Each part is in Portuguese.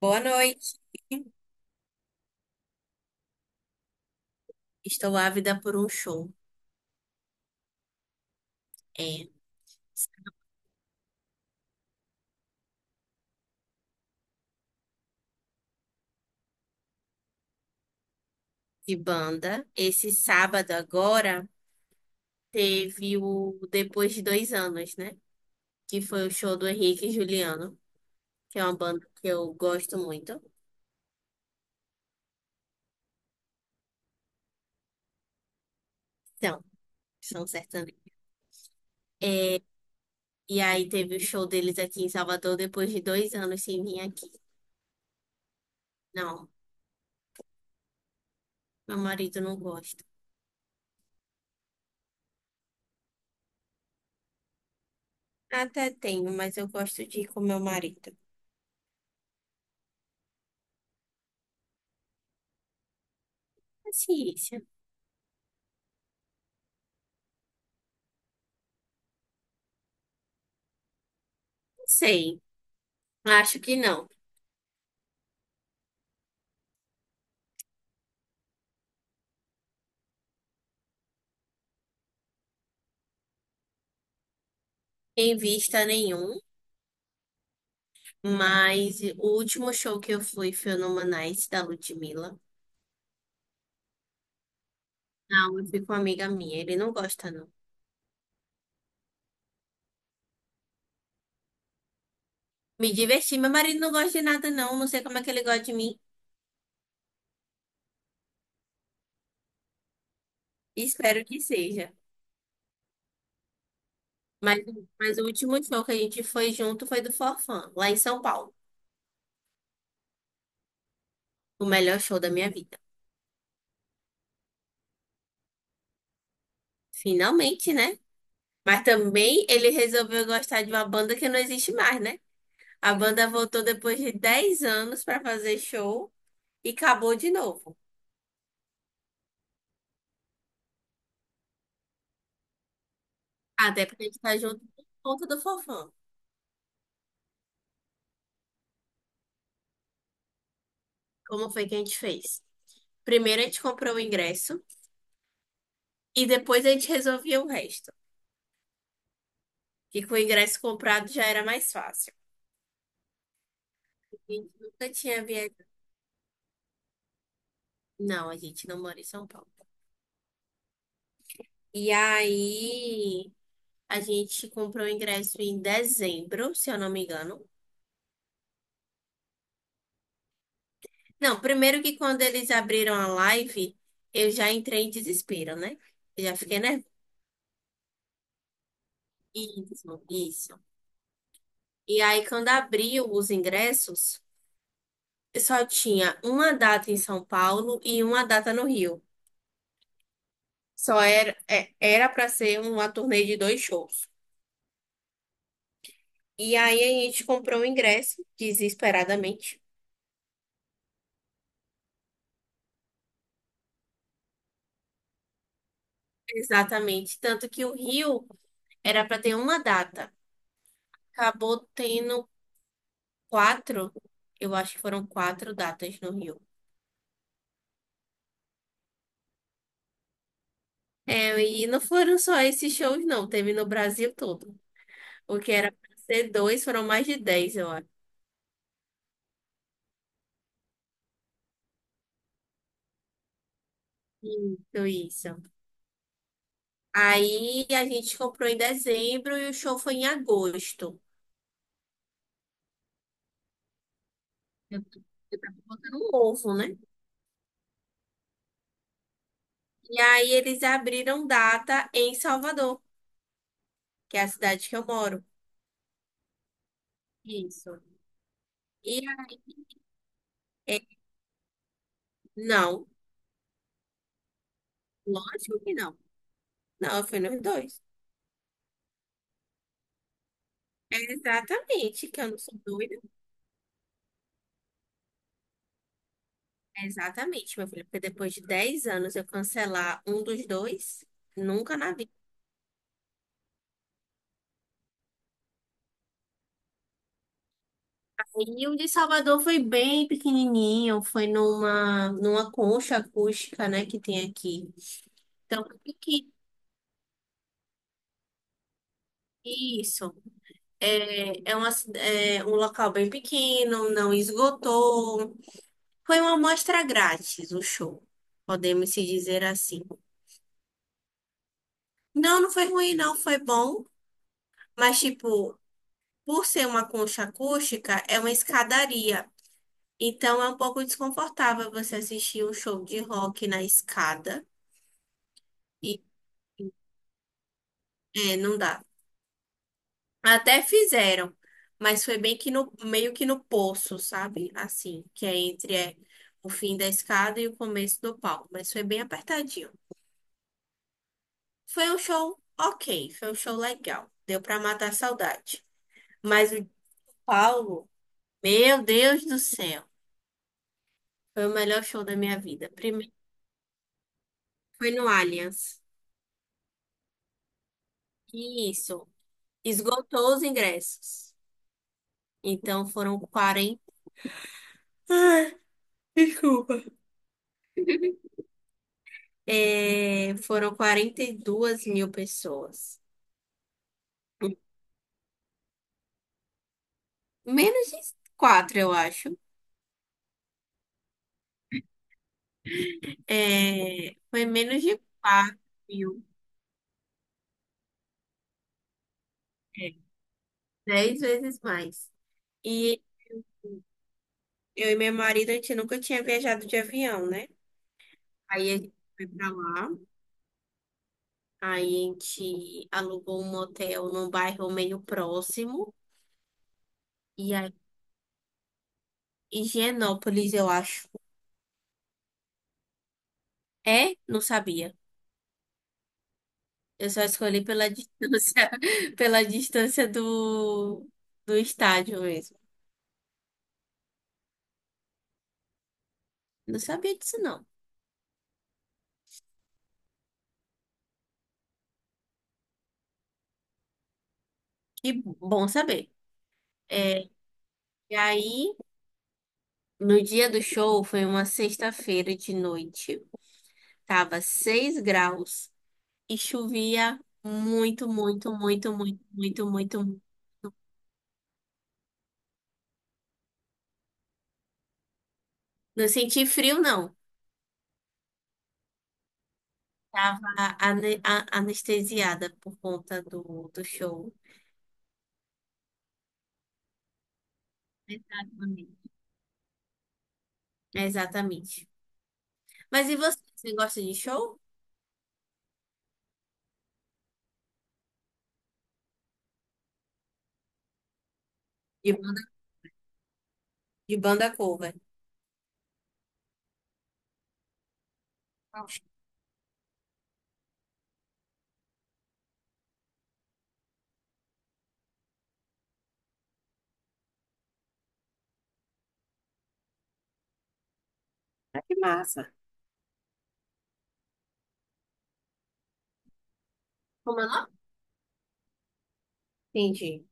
Boa noite. Estou ávida por um show. É, de banda. Esse sábado agora teve o Depois de Dois Anos, né? Que foi o show do Henrique e Juliano, que é uma banda que eu gosto muito. Então, são sertanejos. É, e aí teve o show deles aqui em Salvador depois de 2 anos sem vir aqui. Não, meu marido não gosta. Até tenho, mas eu gosto de ir com meu marido. Paciência. Não sei. Acho que não. Em vista nenhum. Mas o último show que eu fui foi no Manais, da Ludmilla. Não, eu fui com uma amiga minha. Ele não gosta, não. Me diverti. Meu marido não gosta de nada, não. Não sei como é que ele gosta de mim. Espero que seja. Mas, mas o último show que a gente foi junto foi do Forfã, lá em São Paulo. O melhor show da minha vida. Finalmente, né? Mas também ele resolveu gostar de uma banda que não existe mais, né? A banda voltou depois de 10 anos pra fazer show e acabou de novo. Até porque a gente tá junto por conta do Forfã. Como foi que a gente fez? Primeiro a gente comprou o ingresso e depois a gente resolvia o resto. Que com o ingresso comprado já era mais fácil. A gente nunca tinha viajado. Não, a gente não mora em São Paulo. E aí a gente comprou o ingresso em dezembro, se eu não me engano. Não, primeiro que quando eles abriram a live, eu já entrei em desespero, né? Eu já fiquei nervosa. Isso, isso. E aí quando abriu os ingressos, só tinha uma data em São Paulo e uma data no Rio. Só era era para ser uma turnê de dois shows. E aí a gente comprou o ingresso desesperadamente. Exatamente, tanto que o Rio era para ter uma data. Acabou tendo quatro. Eu acho que foram quatro datas no Rio. É, e não foram só esses shows, não. Teve no Brasil todo. O que era para ser dois, foram mais de 10, eu acho. Isso, isso. Aí a gente comprou em dezembro e o show foi em agosto. Eu, tô- eu tava botando um ovo, né? E aí eles abriram data em Salvador, que é a cidade que eu moro. Isso. E aí, é, não, lógico que não. Não, eu fui nos dois. É, exatamente, que eu não sou doida. É, exatamente, meu filho, porque depois de 10 anos eu cancelar um dos dois, nunca na... E o de Salvador foi bem pequenininho, foi numa concha acústica, né, que tem aqui. Então, o que isso é, é um local bem pequeno, não esgotou. Foi uma amostra grátis o show, podemos se dizer assim. Não, não foi ruim, não, foi bom, mas tipo, por ser uma concha acústica, é uma escadaria. Então é um pouco desconfortável você assistir um show de rock na escada. E é, não dá. Até fizeram, mas foi bem que no poço, sabe? Assim, que é entre o fim da escada e o começo do palco, mas foi bem apertadinho. Foi um show ok, foi um show legal, deu pra matar a saudade. Mas o de Paulo, meu Deus do céu, foi o melhor show da minha vida. Primeiro foi no Allianz. E isso, esgotou os ingressos. Então foram 40. Ah, desculpa. É, foram 42 mil pessoas. Menos de 4 eu acho. É, foi menos de 4 mil. É, 10 vezes mais. E eu e meu marido, a gente nunca tinha viajado de avião, né? Aí a gente foi pra lá. Aí a gente alugou um motel num bairro meio próximo. E aí, Higienópolis, eu acho. É? Não sabia. Eu só escolhi pela distância, pela distância do estádio mesmo. Não sabia disso, não. Que bom saber. É, e aí, no dia do show, foi uma sexta-feira de noite. Tava 6 graus e chovia muito, muito, muito, muito, muito, muito, muito. Não senti frio, não. Tava anestesiada por conta do show. Exatamente. Exatamente. Mas e você? Você gosta de show? De banda cover. Ah, que massa. Como é o nome? Entendi.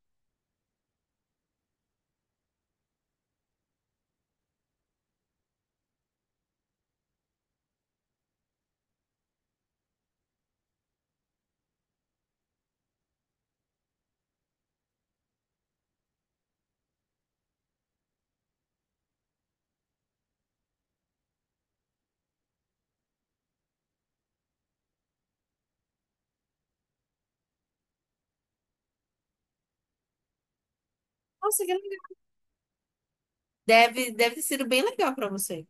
Nossa, que legal. Deve ter sido bem legal pra você.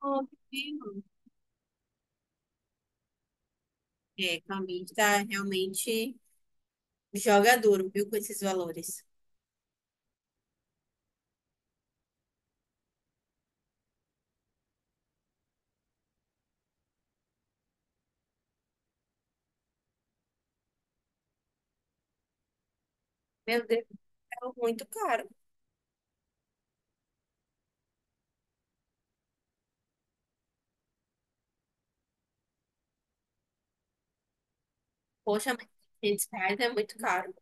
Oh, que lindo. É, Camille tá realmente joga duro, viu, com esses valores. Meu Deus, é muito caro. Poxa, mas R$ 500 é muito caro.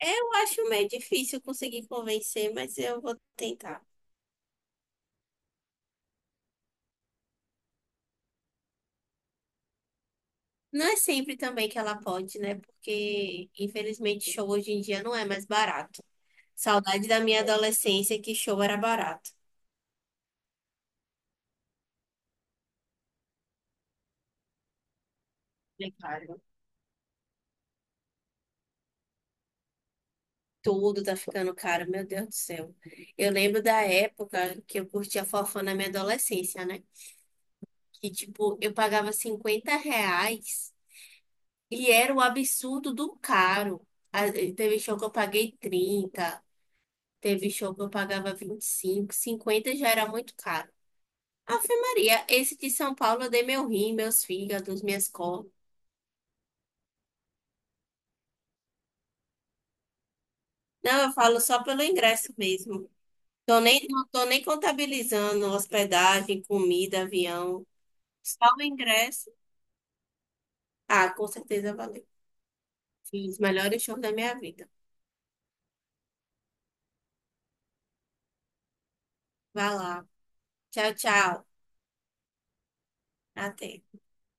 Eu acho meio difícil conseguir convencer, mas eu vou tentar. Não é sempre também que ela pode, né? Porque, infelizmente, show hoje em dia não é mais barato. Saudade da minha adolescência que show era barato. É caro. Tudo tá ficando caro, meu Deus do céu. Eu lembro da época que eu curtia forró na minha adolescência, né? Que, tipo, eu pagava R$ 50 e era o absurdo do caro. Ah, teve show que eu paguei 30, teve show que eu pagava 25, 50 já era muito caro. Ave Maria, esse de São Paulo eu dei meu rim, meus fígados, minhas costas. Não, eu falo só pelo ingresso mesmo. Tô nem, não tô nem contabilizando hospedagem, comida, avião. Só o ingresso. Ah, com certeza valeu. Fiz os melhores shows da minha vida. Vai lá. Tchau, tchau. Até.